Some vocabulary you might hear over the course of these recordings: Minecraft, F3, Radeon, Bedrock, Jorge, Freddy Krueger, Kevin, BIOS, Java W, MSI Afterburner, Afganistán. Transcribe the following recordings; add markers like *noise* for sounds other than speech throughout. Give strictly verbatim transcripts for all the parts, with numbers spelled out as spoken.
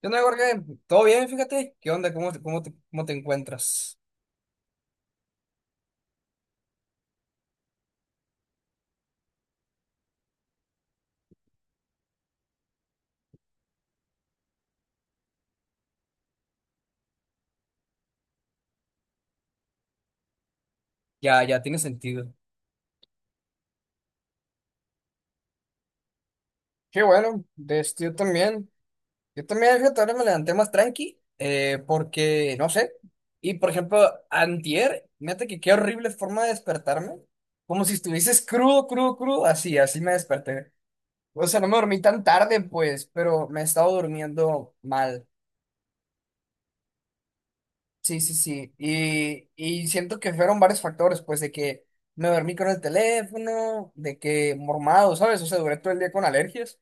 ¿Qué onda, Jorge? ¿Todo bien? Fíjate. ¿Qué onda? ¿Cómo te, cómo te, cómo te encuentras? Ya, ya tiene sentido. Qué bueno, este, yo también. Yo también, fíjate, ahora me levanté más tranqui, eh, porque, no sé. Y, por ejemplo, antier, fíjate que qué horrible forma de despertarme. Como si estuvieses crudo, crudo, crudo. Así, así me desperté. O sea, no me dormí tan tarde, pues, pero me he estado durmiendo mal. Sí, sí, sí. Y, y siento que fueron varios factores, pues, de que me dormí con el teléfono, de que mormado, ¿sabes? O sea, duré todo el día con alergias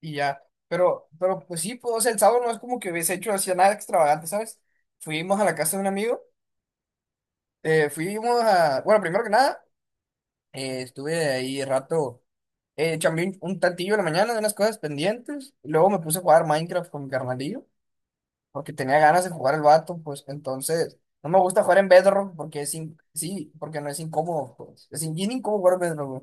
y ya. Pero, pero pues sí, pues, o sea, el sábado no es como que hubiese hecho así nada extravagante, ¿sabes? Fuimos a la casa de un amigo, eh, fuimos a, bueno, primero que nada, eh, estuve ahí rato, eh, chambeé un un tantillo en la mañana de unas cosas pendientes. Luego me puse a jugar Minecraft con mi carnalillo, porque tenía ganas de jugar el vato. Pues entonces no me gusta jugar en Bedrock porque es in- sí, porque no es incómodo, pues. Es in- bien incómodo jugar en Bedrock, güey.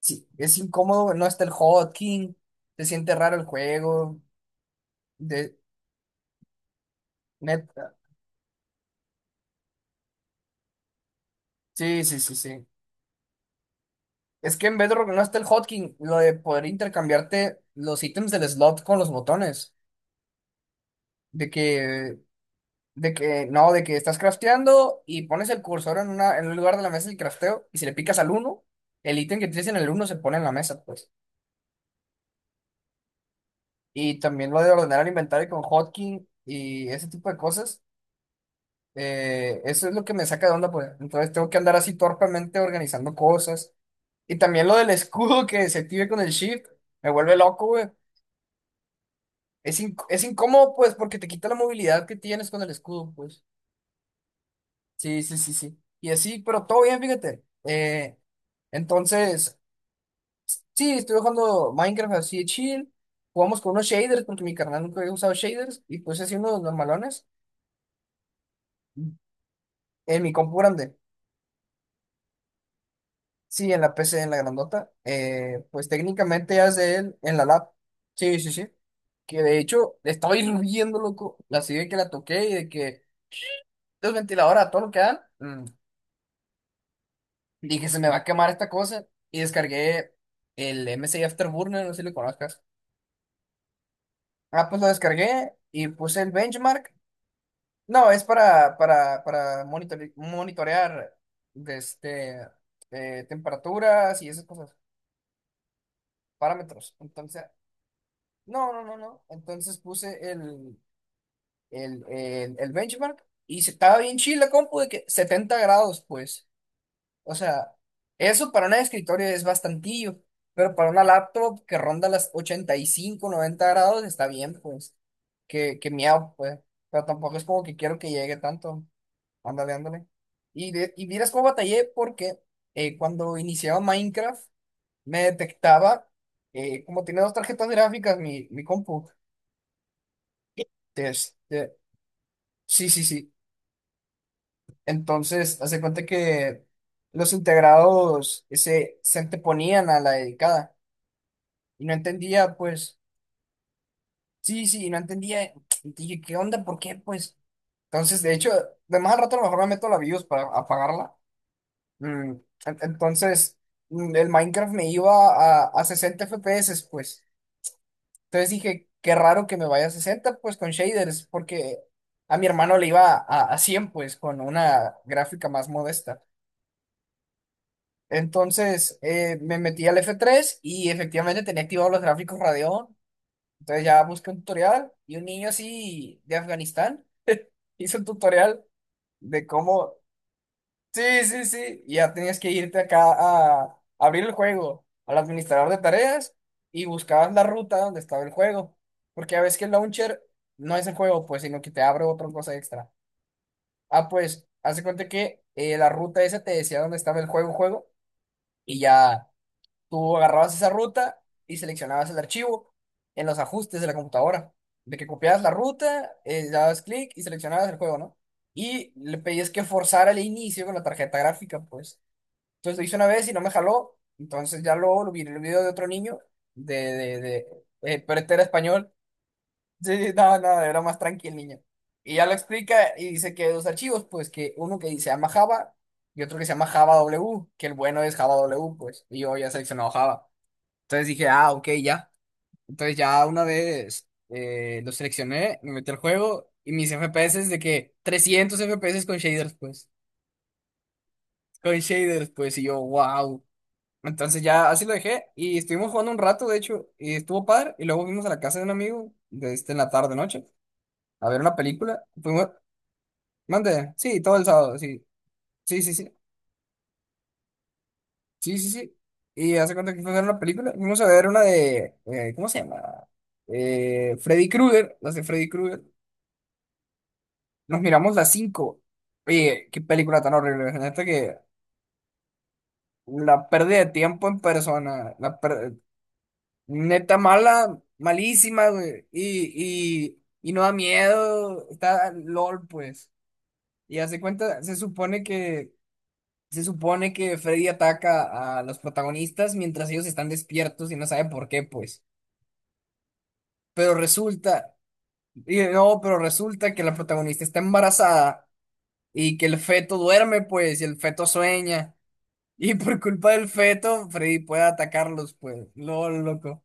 Sí, es incómodo, no está el hotkey, se siente raro el juego, de neta. Sí, sí, sí, sí. Es que en Bedrock no está el hotkey, lo de poder intercambiarte los ítems del slot con los botones, de que de que no, de que estás crafteando y pones el cursor en una en un lugar de la mesa del crafteo, y si le picas al uno, el ítem que tienes en el uno se pone en la mesa, pues. Y también lo de ordenar el inventario con hotkey y ese tipo de cosas. eh, eso es lo que me saca de onda, pues. Entonces tengo que andar así torpemente organizando cosas. Y también lo del *laughs* escudo que se active con el shift, me vuelve loco, güey. Es, inc- es incómodo, pues, porque te quita la movilidad que tienes con el escudo, pues. Sí, sí, sí, sí. Y así, pero todo bien, fíjate. Eh, entonces, sí, estoy jugando Minecraft así de chill. Jugamos con unos shaders, porque mi carnal nunca había usado shaders, y pues así unos normalones. En mi compu grande. Sí, en la P C, en la grandota. Eh, pues técnicamente hace él en la lab. Sí, sí, sí. Que de hecho estaba hirviendo, *laughs* loco. Así de que la toqué y de que los ventiladores a todo lo que dan. mm, Dije, se me va a quemar esta cosa. Y descargué el M S I Afterburner, no sé si lo conozcas. Ah, pues lo descargué y puse el benchmark. No, es para, para, para monitore- monitorear, de este, eh, temperaturas y esas cosas, parámetros. Entonces, no, no, no, no. Entonces puse el, el, el, el benchmark y se- estaba bien chila, compu, de que setenta grados, pues. O sea, eso para un escritorio es bastantillo, pero para una laptop que ronda las ochenta y cinco noventa grados está bien, pues. Que, que miau, pues. Pero tampoco es como que quiero que llegue tanto. Ándale, ándale. Y, de- y miras cómo batallé, porque eh, cuando iniciaba Minecraft me detectaba, eh, como tiene dos tarjetas gráficas mi, mi compu. Este, sí, sí, sí. Entonces, hace cuenta que los integrados se, se anteponían a la dedicada, y no entendía, pues, sí, sí, y no entendía. Y dije, ¿qué onda? ¿Por qué? Pues, entonces, de hecho, de más al rato a lo mejor me meto a la BIOS para apagarla. Mm, en- Entonces, mm, el Minecraft me iba a, a sesenta F P S, pues. Entonces dije, qué raro que me vaya a sesenta, pues, con shaders, porque a mi hermano le iba a, a cien, pues, con una gráfica más modesta. Entonces eh, me metí al F tres y efectivamente tenía activados los gráficos Radeon. Entonces ya busqué un tutorial, y un niño así de Afganistán hizo un tutorial de cómo... Sí, sí, sí. Y ya tenías que irte acá a abrir el juego al administrador de tareas y buscabas la ruta donde estaba el juego. Porque a veces que el launcher no es el juego, pues, sino que te abre otra cosa extra. Ah, pues, hace cuenta que eh, la ruta esa te decía dónde estaba el juego, juego, y ya. Tú agarrabas esa ruta y seleccionabas el archivo en los ajustes de la computadora. De que copiabas la ruta, eh, dabas clic y seleccionabas el juego, ¿no? Y le pedías que forzara el inicio con la tarjeta gráfica, pues. Entonces lo hice una vez y no me jaló. Entonces ya luego lo vi en el video de otro niño, de, de, de, eh, pero este era español. Sí, no, no, era más tranqui el niño. Y ya lo explica y dice que hay dos archivos, pues, que uno que se llama Java y otro que se llama Java W, que el bueno es Java W, pues. Y yo ya seleccionado Java. Entonces dije, ah, ok, ya. Entonces ya una vez eh, lo seleccioné, me metí al juego, y mis F P S de que trescientos F P S con shaders, pues. Con shaders, pues. Y yo, wow. Entonces ya así lo dejé, y estuvimos jugando un rato, de hecho, y estuvo padre. Y luego fuimos a la casa de un amigo de este, en la tarde, noche, a ver una película. Fuimos, mande, sí, todo el sábado, sí. Sí, sí, sí. Sí, sí, sí. Y hace cuenta que fuimos a ver una película. Fuimos a ver una de, eh, ¿cómo se llama? eh, Freddy Krueger, las de Freddy Krueger. Nos miramos las cinco. Oye, qué película tan horrible. Neta que la pérdida de tiempo en persona. La per- Neta mala, malísima, güey. Y, y, y no da miedo. Está LOL, pues. Y hace cuenta, se supone que, se supone que Freddy ataca a los protagonistas mientras ellos están despiertos y no sabe por qué, pues. Pero resulta, y no, pero resulta que la protagonista está embarazada, y que el feto duerme, pues, y el feto sueña. Y por culpa del feto, Freddy puede atacarlos, pues. LOL, loco.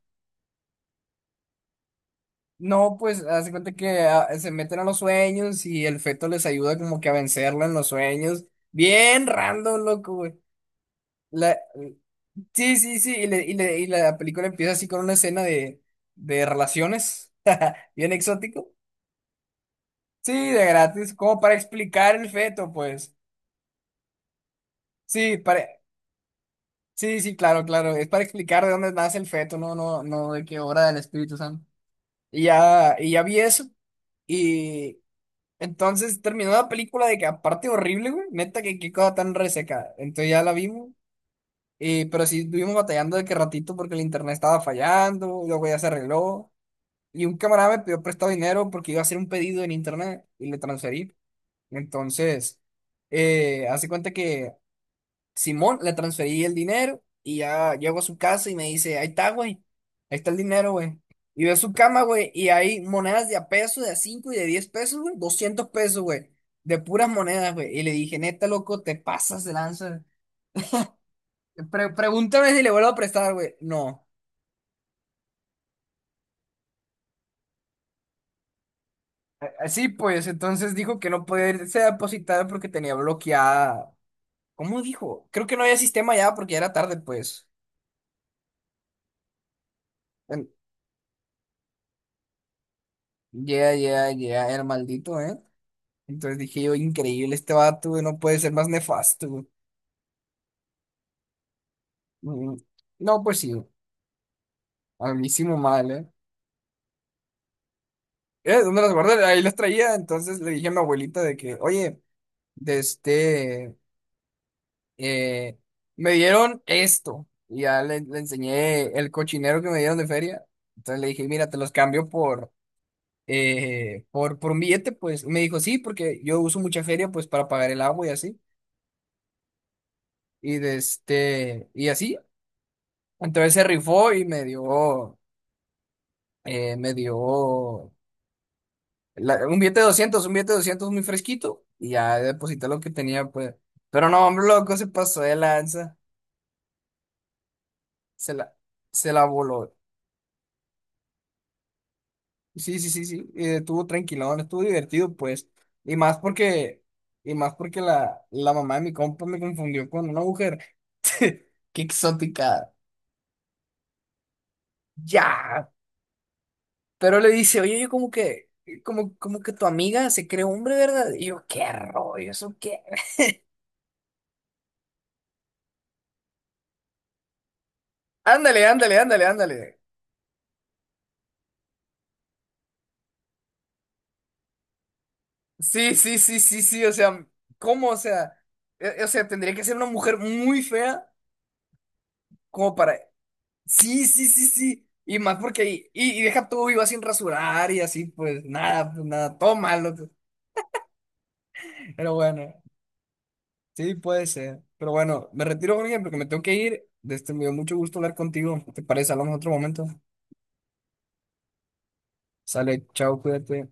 No, pues, hace cuenta que ah, se meten a los sueños y el feto les ayuda como que a vencerlo en los sueños. Bien random, loco, güey. La- Sí, sí, sí. Y, le- y le- y la película empieza así con una escena de, de relaciones. *laughs* Bien exótico. Sí, de gratis. Como para explicar el feto, pues. Sí, para... Sí, sí, claro, claro. Es para explicar de dónde nace el feto, no, no, no, de qué obra del Espíritu Santo. Y ya, y ya vi eso. Y entonces terminó la película, de que aparte horrible, güey. Neta, que qué cosa tan reseca. Entonces ya la vimos. Y, pero sí estuvimos batallando de que ratito porque el internet estaba fallando. Luego ya se arregló. Y un camarada me pidió prestado dinero porque iba a hacer un pedido en internet y le transferí. Entonces, eh, hace cuenta que, Simón, le transferí el dinero y ya llego a su casa y me dice, ahí está, güey, ahí está el dinero, güey. Y veo su cama, güey, y hay monedas de a peso, de a cinco y de diez pesos, güey, doscientos pesos, güey, de puras monedas, güey. Y le dije, neta, loco, te pasas de lanza. Pre- pregúntame si le vuelvo a prestar, güey. No. Así pues, entonces dijo que no podía irse a depositar porque tenía bloqueada. ¿Cómo dijo? Creo que no había sistema ya porque ya era tarde, pues. En- Ya, ya, ya, el maldito, ¿eh? Entonces dije yo, increíble, este vato, güey, no puede ser más nefasto, güey. Mm, no, pues sí, a mí sí me mal, ¿eh? Eh, ¿Dónde las guardé? Ahí las traía. Entonces le dije a mi abuelita de que, oye, de este, eh, me dieron esto. Y ya le, le enseñé el cochinero que me dieron de feria. Entonces le dije, mira, te los cambio por, eh, por, por un billete, pues. Y me dijo, sí, porque yo uso mucha feria, pues, para pagar el agua y así. Y de este, y así. Entonces se rifó y me dio. eh, me dio la- un billete de doscientos un billete de doscientos muy fresquito, y ya deposité lo que tenía, pues. Pero no, hombre, loco, se pasó de lanza, se la, se la voló. Sí, sí, sí, sí, y estuvo tranquilón, estuvo divertido, pues. Y más porque, y más porque la, la mamá de mi compa me confundió con una mujer, qué exótica, ya. Pero le dice, oye, yo como que, como, como que tu amiga se cree hombre, ¿verdad? Y yo, qué rollo, eso qué. Ándale, ándale, ándale, ándale. Sí, sí, sí, sí, sí, o sea, ¿cómo? O sea, eh, o sea, tendría que ser una mujer muy fea como para... Sí, sí, sí, sí, y más porque ahí, y, y deja todo viva sin rasurar y así, pues nada, pues nada, todo malo, pues. Pero bueno, sí, puede ser, pero bueno, me retiro, Jorge, porque me tengo que ir, este, me dio mucho gusto hablar contigo. ¿Te parece? Hablamos en otro momento, sale, chao, cuídate.